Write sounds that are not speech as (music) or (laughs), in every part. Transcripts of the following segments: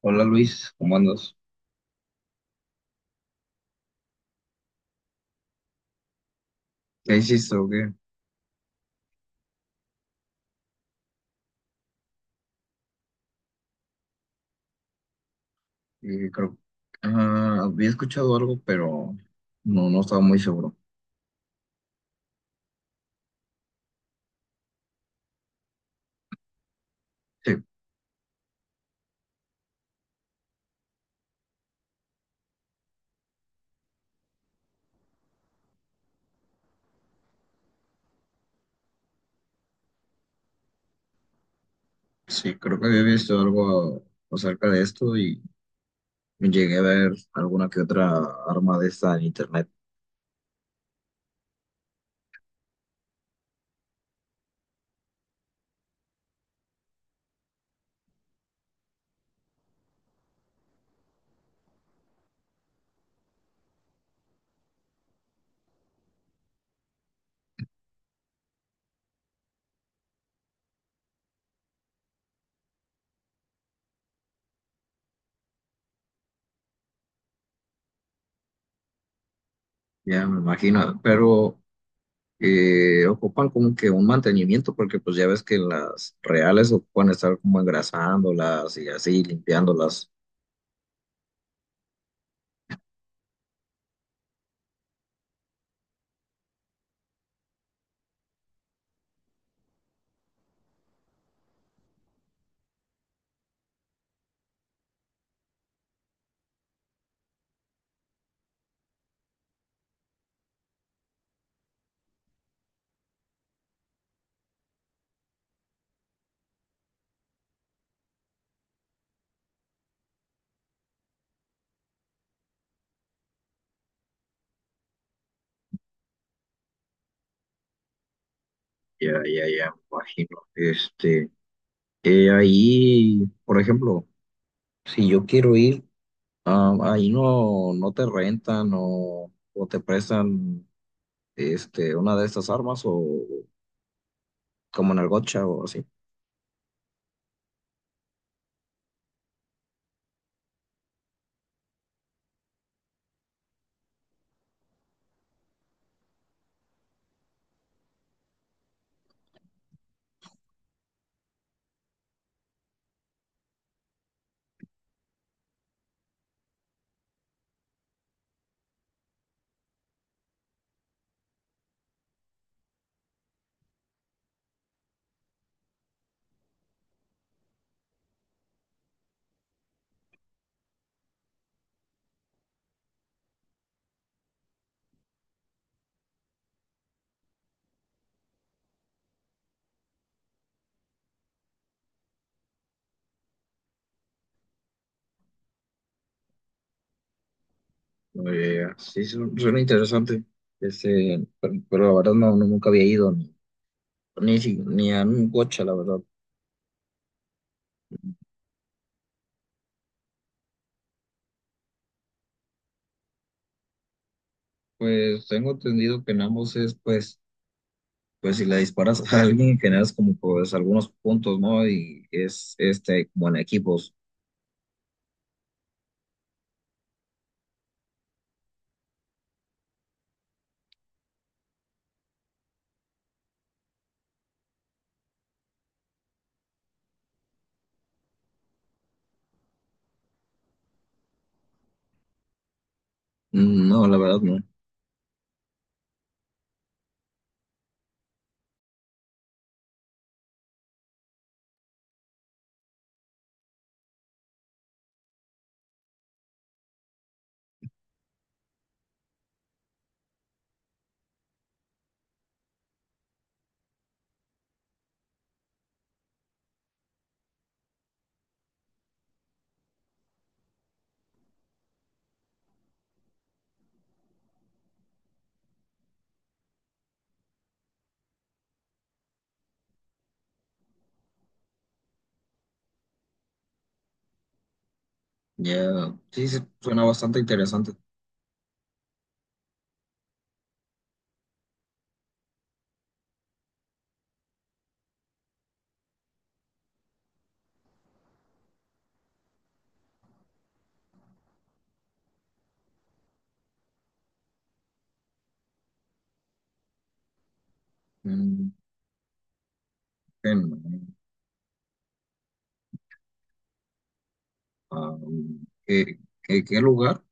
Hola Luis, ¿cómo andas? ¿Qué hiciste o qué? Creo, ah, había escuchado algo, pero no estaba muy seguro. Sí, sí, creo que había visto algo acerca de esto y llegué a ver alguna que otra arma de esta en internet. Ya me imagino, pero ocupan como que un mantenimiento, porque pues ya ves que las reales ocupan estar como engrasándolas y así, limpiándolas. Ya, ya, ya, me imagino. Este, ahí, por ejemplo. Si yo quiero ir, ah, ahí no te rentan o te prestan este, una de estas armas o como en el gotcha o así. Sí, suena interesante. Este, pero la verdad no, nunca había ido ni, ni, ni a un gotcha, la verdad. Pues tengo entendido que en ambos es, pues, pues si le disparas a alguien generas como pues algunos puntos, ¿no? Y es este como en equipos. Mm, no, la verdad no. Ya, sí, sí, suena bastante interesante. Mm, que no. Ah, ¿qué, qué lugar?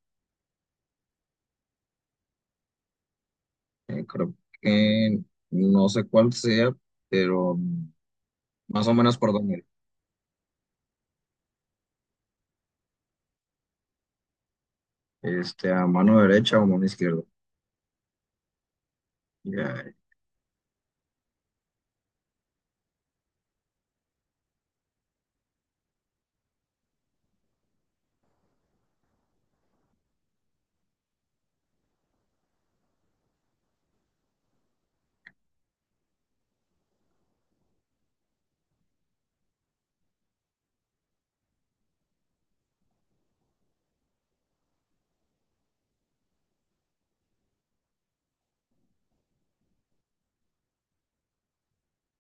Creo que no sé cuál sea, pero mm, más o menos por dónde. Este, a mano derecha o mano izquierda. Ya,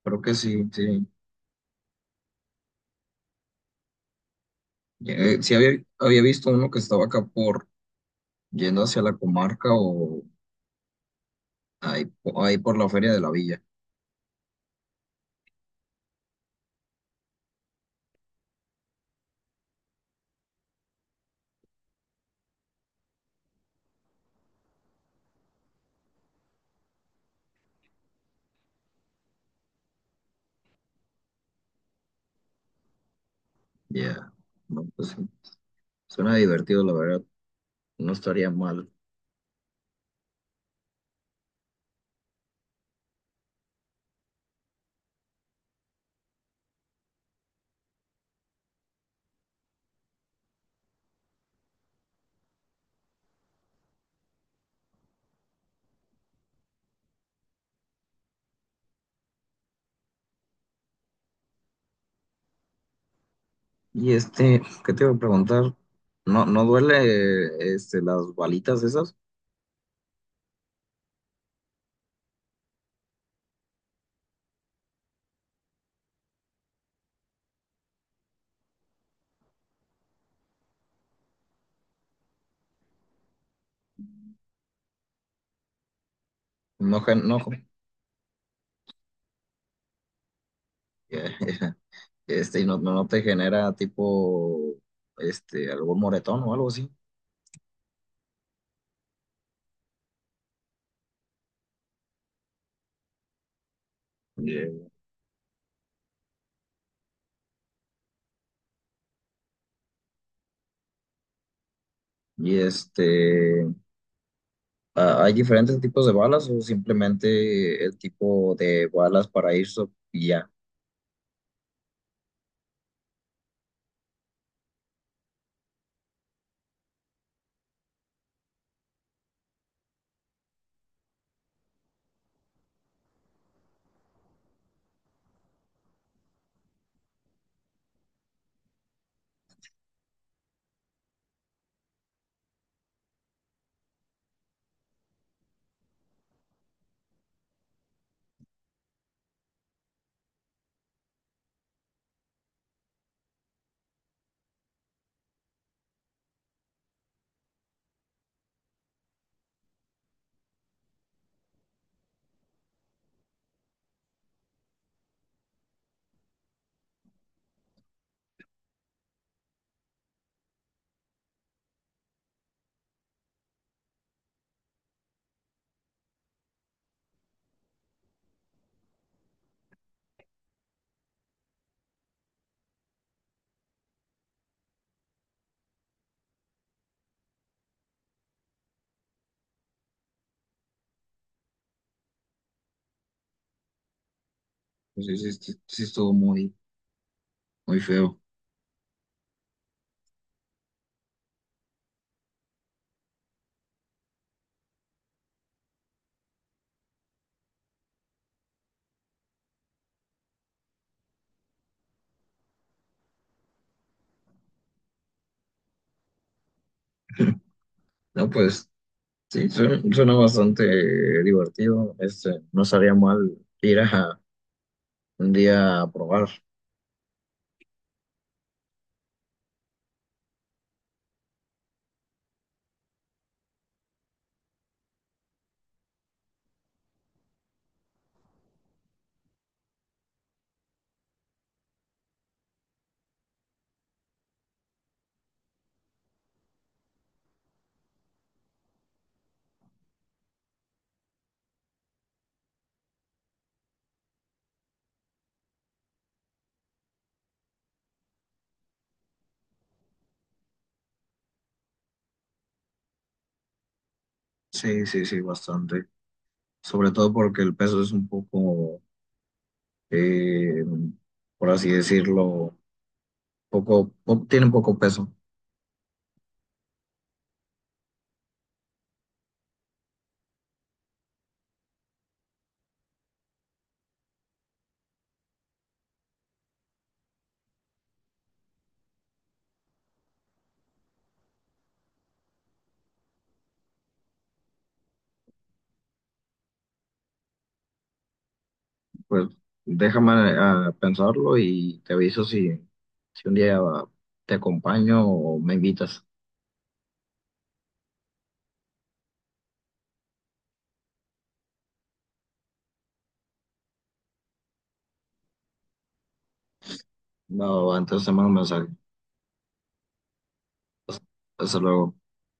creo que sí, sí. Sí había, había visto uno que estaba acá por yendo hacia la comarca o ahí, ahí por la feria de la villa. Ya, no, pues sí. Suena divertido, la verdad. No estaría mal. Y este, ¿qué te iba a preguntar? ¿No, no duele este, las balitas esas? No, no, (laughs) este, y no, no no te genera tipo este, algún moretón o algo así. Bien. Y este, hay diferentes tipos de balas o simplemente el tipo de balas para irse y ya? Pues sí, sí, sí, sí estuvo muy, muy feo. No, pues sí, suena, suena bastante divertido. Este, no estaría mal ir a un día a probar. Sí, sí, sí, bastante. Sobre todo porque el peso es un poco, eh, por así decirlo, poco, tiene poco peso. Pues déjame ah, pensarlo y te aviso si, si un día te acompaño o me invitas. No, antes de mando un mensaje. Hasta luego.